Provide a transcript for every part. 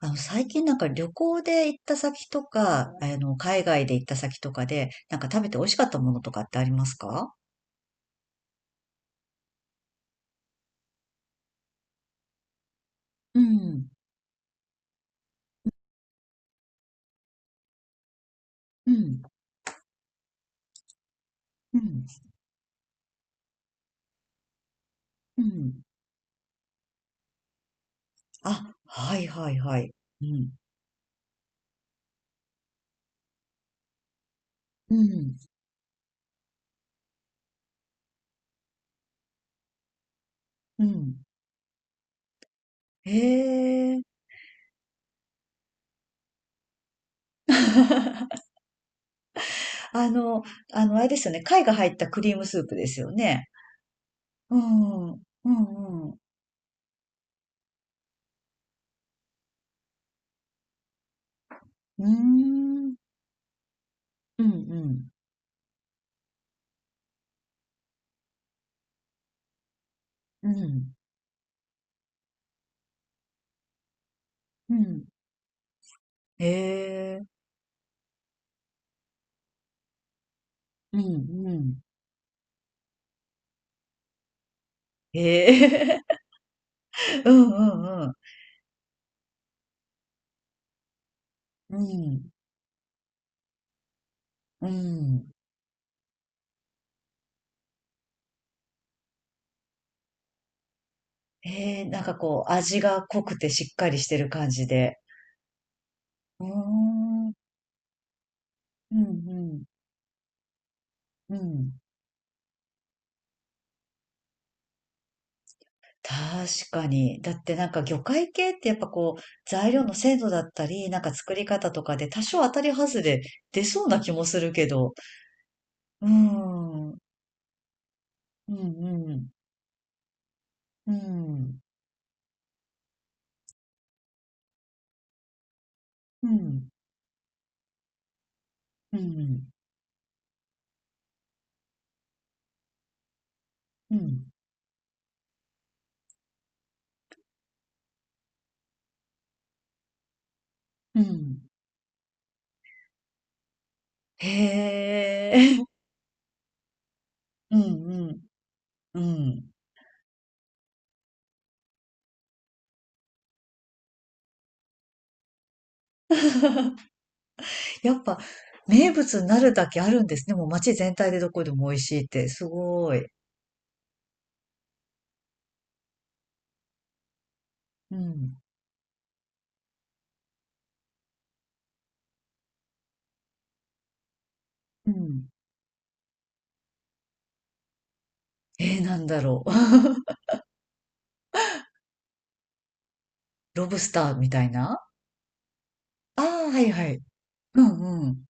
最近なんか旅行で行った先とか、海外で行った先とかで、なんか食べて美味しかったものとかってありますか？うん、うん、うん、うん。あ、はいはいはい。うん、うん、うん。へえ。あの、あれですよね。貝が入ったクリームスープですよね。うん、うん、うん。うーん、うん、うん、うん、うん。へえ。うん、うん。へえ。うん、うん、うん。うん、うん。ええ、なんかこう、味が濃くてしっかりしてる感じで。うーん、うんうん、うん。確かに。だってなんか魚介系ってやっぱこう、材料の精度だったり、なんか作り方とかで多少当たり外れ出そうな気もするけど。うーん、うんうん、うん、うん、うん、うん、うん。へえ、うんうん、うん。やっぱ、名物になるだけあるんですね。もう街全体でどこでも美味しいって。すごい。うん。うん。えー、なんだろう。ロブスターみたいな。ああー、はいはい。うんうん。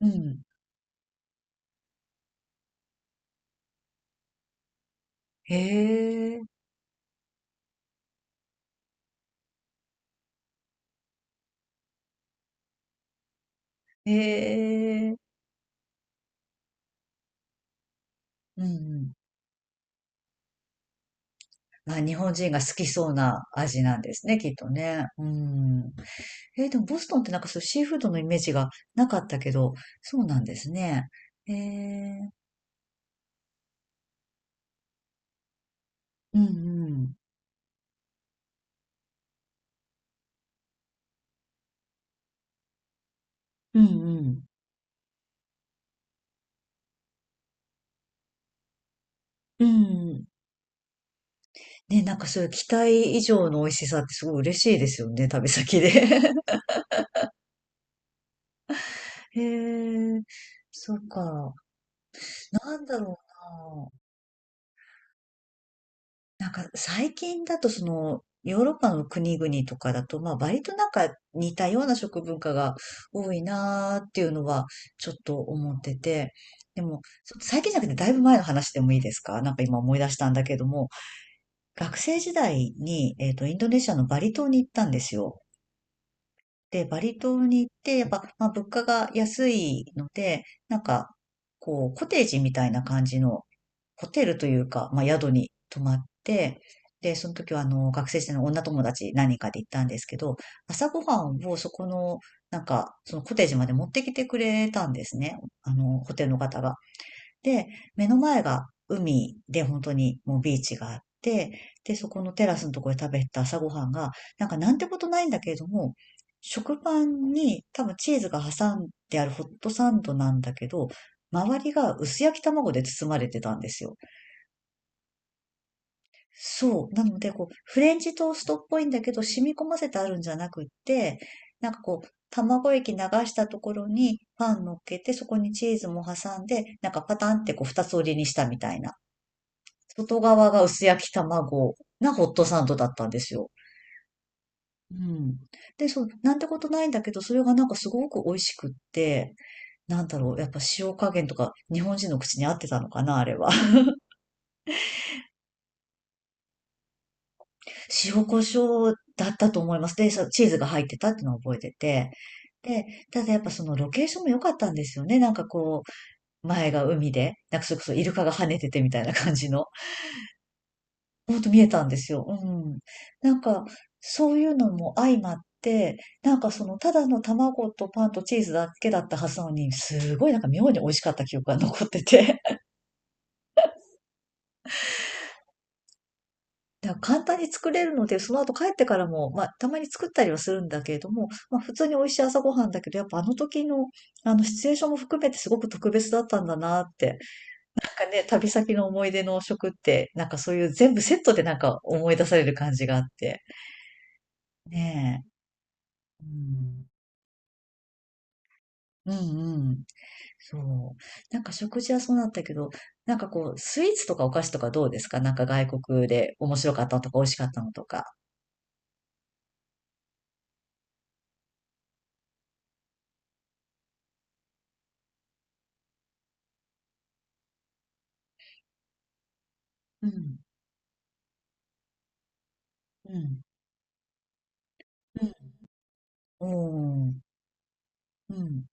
うん。へえ、へえ、うんうん。まあ、日本人が好きそうな味なんですね、きっとね。うん。でもボストンってなんかそうシーフードのイメージがなかったけど、そうなんですね。えー、うんうん。うんうん。うんね、なんかそういう期待以上の美味しさってすごい嬉しいですよね、旅先で。へえ、そっか。なんだろうな。なんか最近だとその、ヨーロッパの国々とかだと、まあ割となんか似たような食文化が多いなーっていうのはちょっと思ってて。でも、最近じゃなくてだいぶ前の話でもいいですか？なんか今思い出したんだけども、学生時代に、インドネシアのバリ島に行ったんですよ。で、バリ島に行って、やっぱ、まあ、物価が安いので、なんか、こう、コテージみたいな感じのホテルというか、まあ、宿に泊まって、で、その時は、学生時代の女友達何人かで行ったんですけど、朝ごはんをそこの、なんか、そのコテージまで持ってきてくれたんですね。ホテルの方が。で、目の前が海で本当にもうビーチがあって、で、そこのテラスのところで食べた朝ごはんが、なんかなんてことないんだけれども、食パンに多分チーズが挟んであるホットサンドなんだけど、周りが薄焼き卵で包まれてたんですよ。そう。なので、こう、フレンチトーストっぽいんだけど、染み込ませてあるんじゃなくって、なんかこう、卵液流したところにパン乗っけて、そこにチーズも挟んで、なんかパタンってこう、二つ折りにしたみたいな。外側が薄焼き卵なホットサンドだったんですよ。うん。で、そう、なんてことないんだけど、それがなんかすごく美味しくって、なんだろう、やっぱ塩加減とか日本人の口に合ってたのかな、あれは。塩コショウだったと思います。で、そうチーズが入ってたっていうのを覚えてて。で、ただやっぱそのロケーションも良かったんですよね。なんかこう、前が海で、なんかそれこそイルカが跳ねててみたいな感じの。ほんと見えたんですよ。うん。なんか、そういうのも相まって、なんかその、ただの卵とパンとチーズだけだったはずなのに、すごいなんか妙に美味しかった記憶が残ってて。だから簡単に作れるので、その後帰ってからも、まあ、たまに作ったりはするんだけれども、まあ、普通に美味しい朝ごはんだけど、やっぱあの時の、シチュエーションも含めてすごく特別だったんだなって。なんかね、旅先の思い出の食って、なんかそういう全部セットでなんか思い出される感じがあって。ねえ。うん。うんうん。そう。なんか食事はそうなったけど、なんかこう、スイーツとかお菓子とかどうですか？なんか外国で面白かったのとか美味しかったのとか。うん。うん。うん。うん。うん。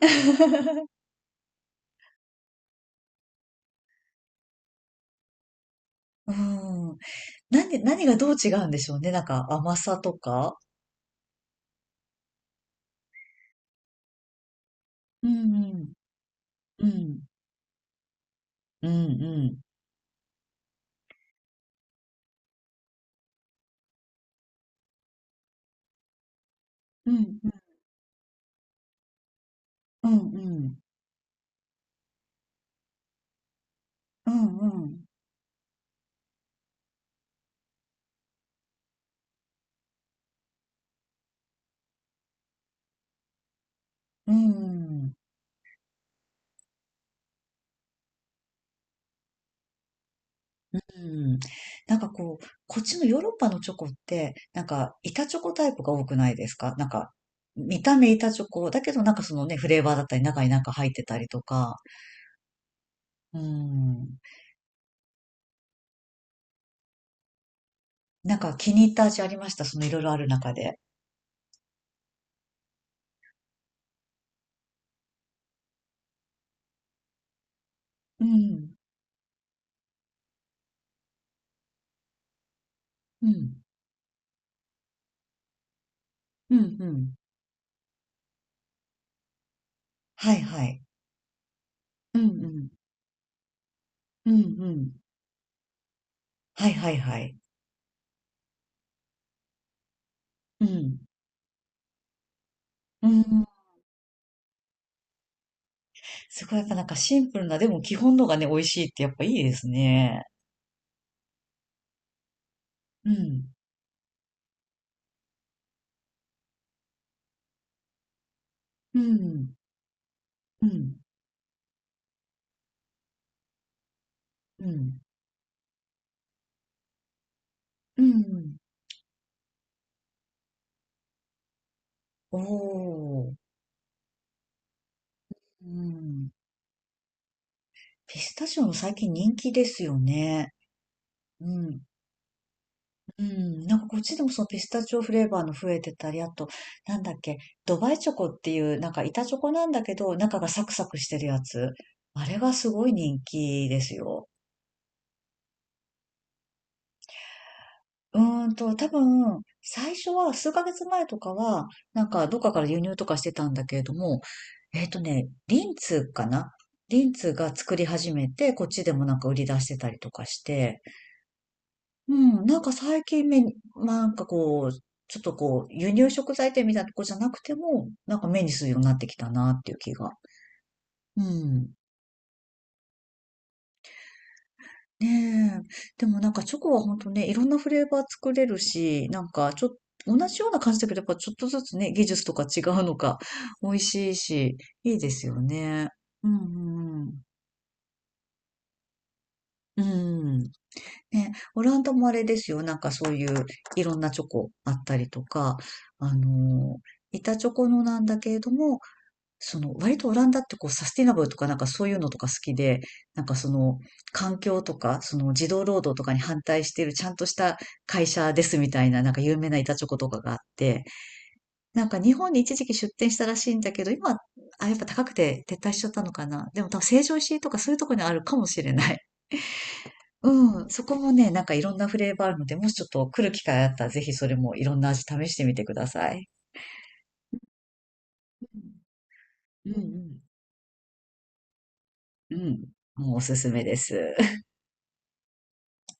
うん。なんで、何がどう違うんでしょうね。なんか甘さとか。うんうん。うん。うんうん。うんうん。うんうん。うんうん。うんうん。うん。なんかこう、こっちのヨーロッパのチョコって、なんか板チョコタイプが多くないですか？なんか、見た目板チョコ、だけどなんかそのね、フレーバーだったり、中になんか入ってたりとか、うん。なんか気に入った味ありました、そのいろいろある中で。うん、うん、うん、うん。はいはい。うん、うん、うん、うん。はいはいはい。うん、うん。すごいやっぱなんかシンプルな、でも基本のがね、美味しいってやっぱいいですね。うん、うん、うん、うん。うん。おー。うん。ピスタチオも最近人気ですよね。うん。うん。なんかこっちでもそのピスタチオフレーバーの増えてたり、あと、なんだっけ、ドバイチョコっていう、なんか板チョコなんだけど、中がサクサクしてるやつ。あれがすごい人気ですよ。うーんと、多分、最初は数ヶ月前とかは、なんかどっかから輸入とかしてたんだけれども、リンツかな。リンツが作り始めて、こっちでもなんか売り出してたりとかして、うん、なんか最近目に、なんかこう、ちょっとこう、輸入食材店みたいなとこじゃなくても、なんか目にするようになってきたなっていう気が。うん。ねえ。でもなんかチョコは本当ね、いろんなフレーバー作れるし、なんかちょっと、同じような感じだけど、やっぱちょっとずつね、技術とか違うのか、美味しいし、いいですよね。うん、うんうん、うん。ね、オランダもあれですよ。なんかそういういろんなチョコあったりとか、あの、板チョコのなんだけれども、その、割とオランダってこう、サスティナブルとかなんかそういうのとか好きで、なんかその、環境とか、その、児童労働とかに反対しているちゃんとした会社ですみたいな、なんか有名な板チョコとかがあって、なんか日本に一時期出店したらしいんだけど、今、あ、やっぱ高くて撤退しちゃったのかな。でも多分成城石井とかそういうとこにあるかもしれない。うん、そこもね、なんかいろんなフレーバーあるので、もしちょっと来る機会あったら、ぜひそれもいろんな味試してみてください。うん、うん、うん。うんもうおすすめです。